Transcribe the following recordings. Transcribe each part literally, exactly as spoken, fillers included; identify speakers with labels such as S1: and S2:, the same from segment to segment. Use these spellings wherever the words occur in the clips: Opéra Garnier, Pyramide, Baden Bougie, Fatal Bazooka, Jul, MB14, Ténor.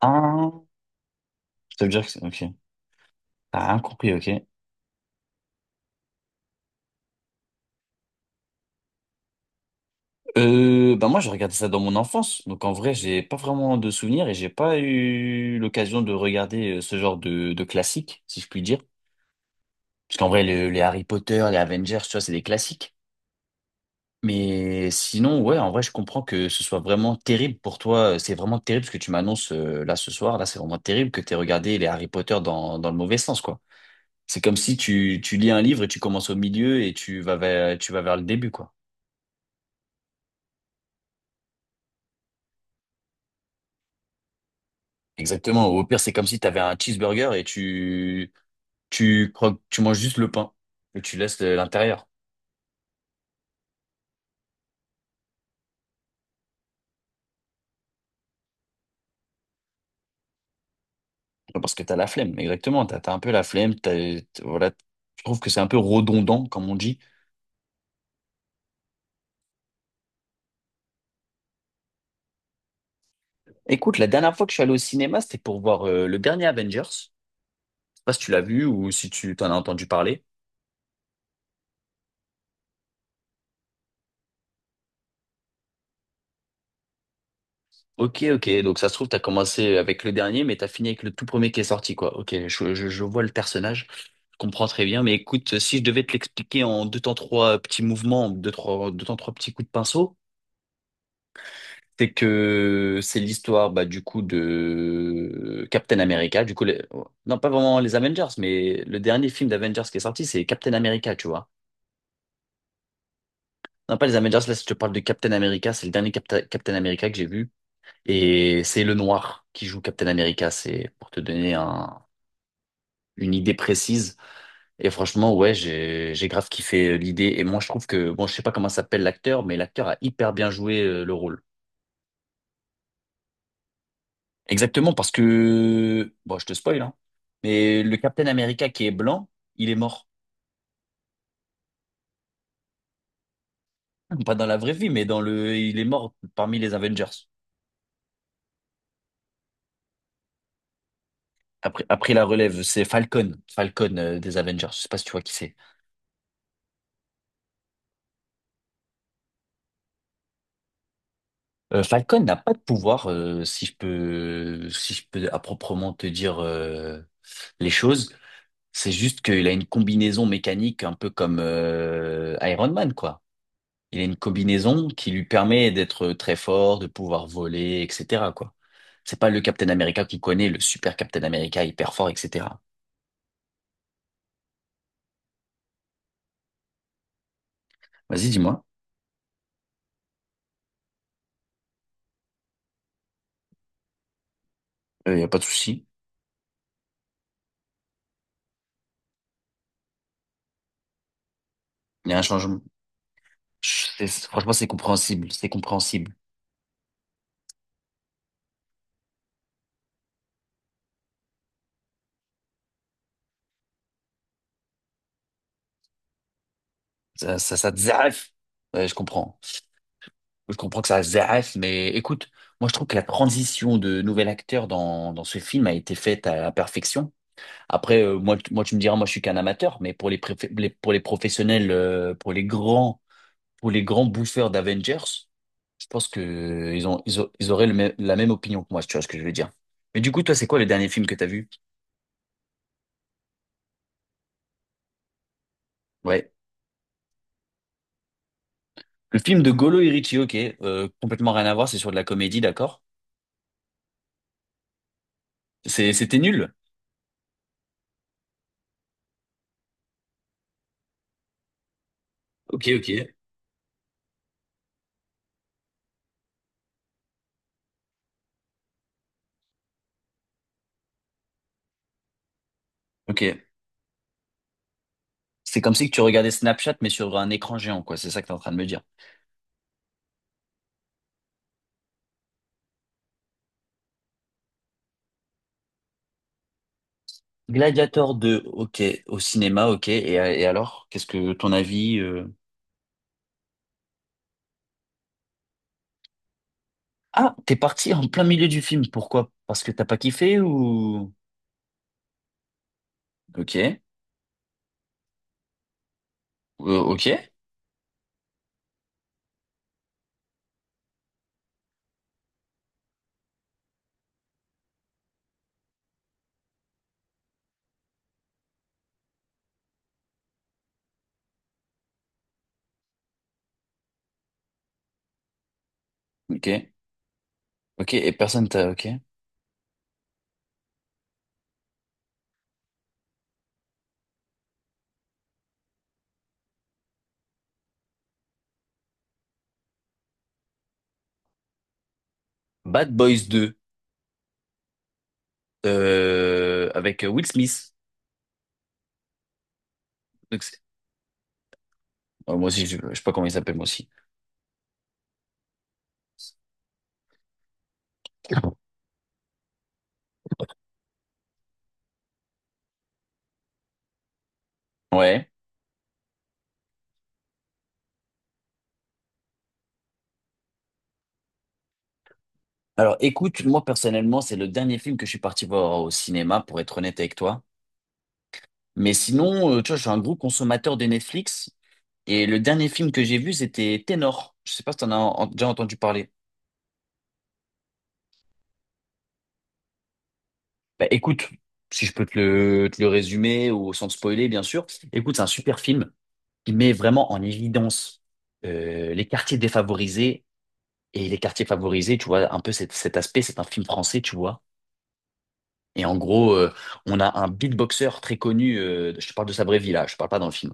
S1: Ah, ça veut dire que c'est... Ok. T'as rien compris, ok. Euh, bah moi, j'ai regardé ça dans mon enfance. Donc, en vrai, j'ai pas vraiment de souvenirs et j'ai pas eu l'occasion de regarder euh, ce genre de, de classique, si je puis dire. Parce qu'en vrai, le- les Harry Potter, les Avengers, tu vois, c'est des classiques. Mais sinon, ouais, en vrai, je comprends que ce soit vraiment terrible pour toi. C'est vraiment terrible ce que tu m'annonces euh, là ce soir. Là, c'est vraiment terrible que t'aies regardé les Harry Potter dans, dans le mauvais sens, quoi. C'est comme si tu, tu lis un livre et tu commences au milieu et tu vas vers, tu vas vers le début, quoi. Exactement. Au pire, c'est comme si tu avais un cheeseburger et tu, tu, croques- tu manges juste le pain et tu laisses le- l'intérieur. Parce que t'as la flemme, exactement. T'as, t'as un peu la flemme. T'as, t- voilà. Je trouve que c'est un peu redondant, comme on dit. Écoute, la dernière fois que je suis allé au cinéma, c'était pour voir euh, le dernier Avengers. Je sais pas si tu l'as vu ou si tu t'en as entendu parler. Ok, ok. Donc ça se trouve, t'as commencé avec le dernier, mais t'as fini avec le tout premier qui est sorti, quoi. Ok, je, je, je vois le personnage. Je comprends très bien. Mais écoute, si je devais te l'expliquer en deux temps trois petits mouvements, deux, trois, deux temps trois petits coups de pinceau, c'est que c'est l'histoire, bah, du coup, de Captain America. Du coup, les- non, pas vraiment les Avengers, mais le dernier film d'Avengers qui est sorti, c'est Captain America, tu vois. Non, pas les Avengers, là, si je te parle de Captain America, c'est le dernier Capta- Captain America que j'ai vu. Et c'est le noir qui joue Captain America, c'est pour te donner un, une idée précise. Et franchement, ouais, j'ai, j'ai grave kiffé euh, l'idée. Et moi, je trouve que, bon, je sais pas comment s'appelle l'acteur, mais l'acteur a hyper bien joué euh, le rôle. Exactement, parce que, bon, je te spoil, hein, mais le Captain America qui est blanc, il est mort. Pas dans la vraie vie, mais dans le, il est mort parmi les Avengers. Après, après la relève, c'est Falcon, Falcon euh, des Avengers. Je sais pas si tu vois qui c'est. Euh, Falcon n'a pas de pouvoir, euh, si je peux, si je peux à proprement te dire euh, les choses. C'est juste qu'il a une combinaison mécanique un peu comme euh, Iron Man, quoi. Il a une combinaison qui lui permet d'être très fort, de pouvoir voler, et cetera, quoi. C'est pas le Captain America qui connaît, le super Captain America hyper fort, et cetera. Vas-y, dis-moi. Il n'y a pas de souci. Il y a un changement. C'est- Franchement, c'est compréhensible. C'est compréhensible. Ça, ça, ça te zaf. Ouais, je comprends. Je comprends que ça zaf, mais écoute, moi je trouve que la transition de nouvel acteur dans, dans ce film a été faite à la perfection. Après, euh, moi, tu- moi tu me diras, moi je suis qu'un amateur, mais pour les, préf- les- pour les professionnels, euh, pour les grands, pour les grands bouffeurs d'Avengers, je pense que ils ont, ils, ont- ils auraient le mê- la même opinion que moi, si tu vois ce que je veux dire. Mais du coup, toi, c'est quoi le dernier film que t'as vu? Ouais. Le film de Golo et Richie, ok, euh, complètement rien à voir, c'est sur de la comédie, d'accord? C'est, c'était nul? Ok, ok. Ok. C'est comme si que tu regardais Snapchat, mais sur un écran géant, quoi, c'est ça que t'es en train de me dire. Gladiator deux, ok, au cinéma, ok, et, et alors? Qu'est-ce que ton avis? euh Ah, t'es parti en plein milieu du film, pourquoi? Parce que t'as pas kiffé ou... Ok, Euh, ok, ok, ok, et personne t'a... Ok. Bad Boys deux euh, avec euh, Will Smith. Donc, c'est- oh, moi aussi, je, je sais pas comment il s'appelle, moi aussi. Ouais. Alors, écoute, moi personnellement, c'est le dernier film que je suis parti voir au cinéma, pour être honnête avec toi. Mais sinon, euh, tu vois, je suis un gros consommateur de Netflix. Et le dernier film que j'ai vu, c'était Ténor. Je sais pas si t'en as en- déjà entendu parler. Bah, écoute, si je peux te le, te le résumer ou sans te spoiler, bien sûr. Écoute, c'est un super film qui met vraiment en évidence euh, les quartiers défavorisés et les quartiers favorisés, tu vois, un peu cet, cet aspect, c'est un film français, tu vois. Et en gros, euh, on a un beatboxer très connu, euh, je te parle de sa vraie vie là, je parle pas dans le film.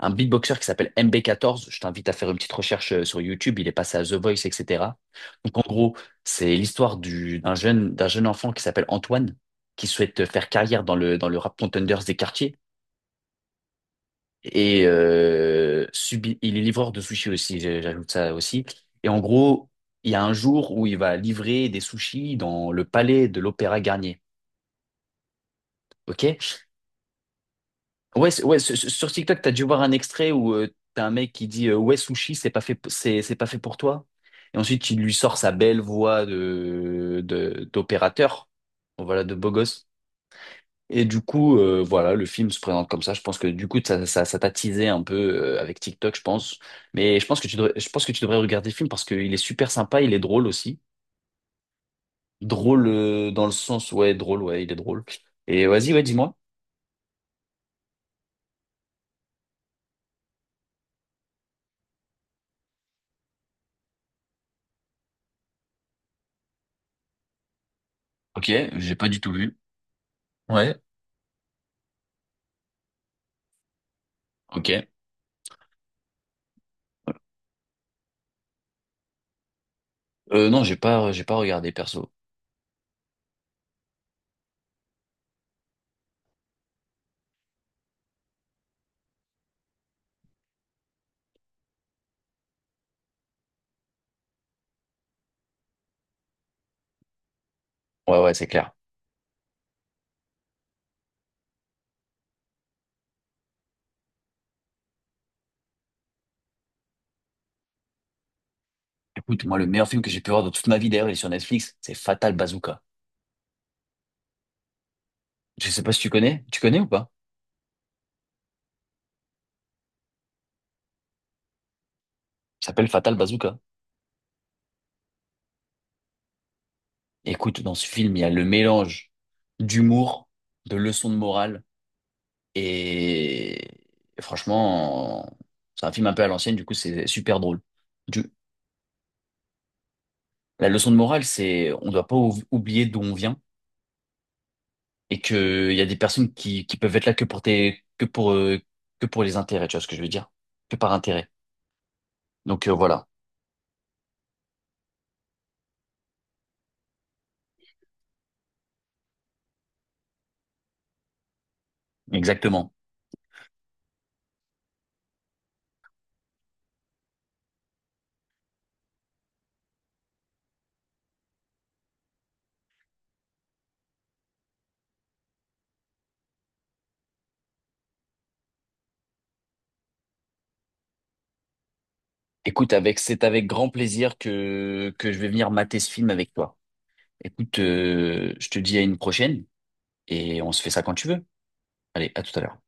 S1: Un beatboxer qui s'appelle M B quatorze, je t'invite à faire une petite recherche euh, sur YouTube, il est passé à The Voice, et cetera. Donc en gros, c'est l'histoire du, d'un jeune, d'un jeune enfant qui s'appelle Antoine, qui souhaite faire carrière dans le, dans le rap contenders des quartiers. Et euh, subi- il est livreur de sushis aussi, j'ai- j'ajoute ça aussi. Et en gros, il y a un jour où il va livrer des sushis dans le palais de l'Opéra Garnier. Ok? Ouais, c'est- ouais, sur sur TikTok, t'as dû voir un extrait où euh, t'as un mec qui dit euh, ouais sushi, c'est pas fait, p- c'est c'est pas fait pour toi. Et ensuite, il lui sort sa belle voix de de- d'opérateur, bon, voilà, de beau gosse. Et du coup, euh, voilà, le film se présente comme ça. Je pense que du coup, ça, ça, ça t'a teasé un peu euh, avec TikTok, je pense. Mais je pense que tu devrais, je pense que tu devrais regarder le film parce qu'il est super sympa, il est drôle aussi. Drôle euh, dans le sens, ouais, drôle, ouais, il est drôle. Et vas-y, ouais, dis-moi. Ok, j'ai pas du tout vu. Ouais. Ok. Euh, non, j'ai pas, j'ai pas regardé perso. Ouais, ouais, c'est clair. Écoute, moi, le meilleur film que j'ai pu voir de toute ma vie, d'ailleurs, il est sur Netflix, c'est Fatal Bazooka. Je sais pas si tu connais. Tu connais ou pas? Il s'appelle Fatal Bazooka. Écoute, dans ce film, il y a le mélange d'humour, de leçons de morale, et franchement, c'est un film un peu à l'ancienne, du coup, c'est super drôle. Du- La leçon de morale, c'est on ne doit pas ou- oublier d'où on vient et que il y a des personnes qui, qui peuvent être là que pour tes, que pour, euh, que pour les intérêts, tu vois ce que je veux dire? Que par intérêt. Donc euh, voilà, exactement. Écoute, avec, c'est avec grand plaisir que, que je vais venir mater ce film avec toi. Écoute, euh, je te dis à une prochaine et on se fait ça quand tu veux. Allez, à tout à l'heure.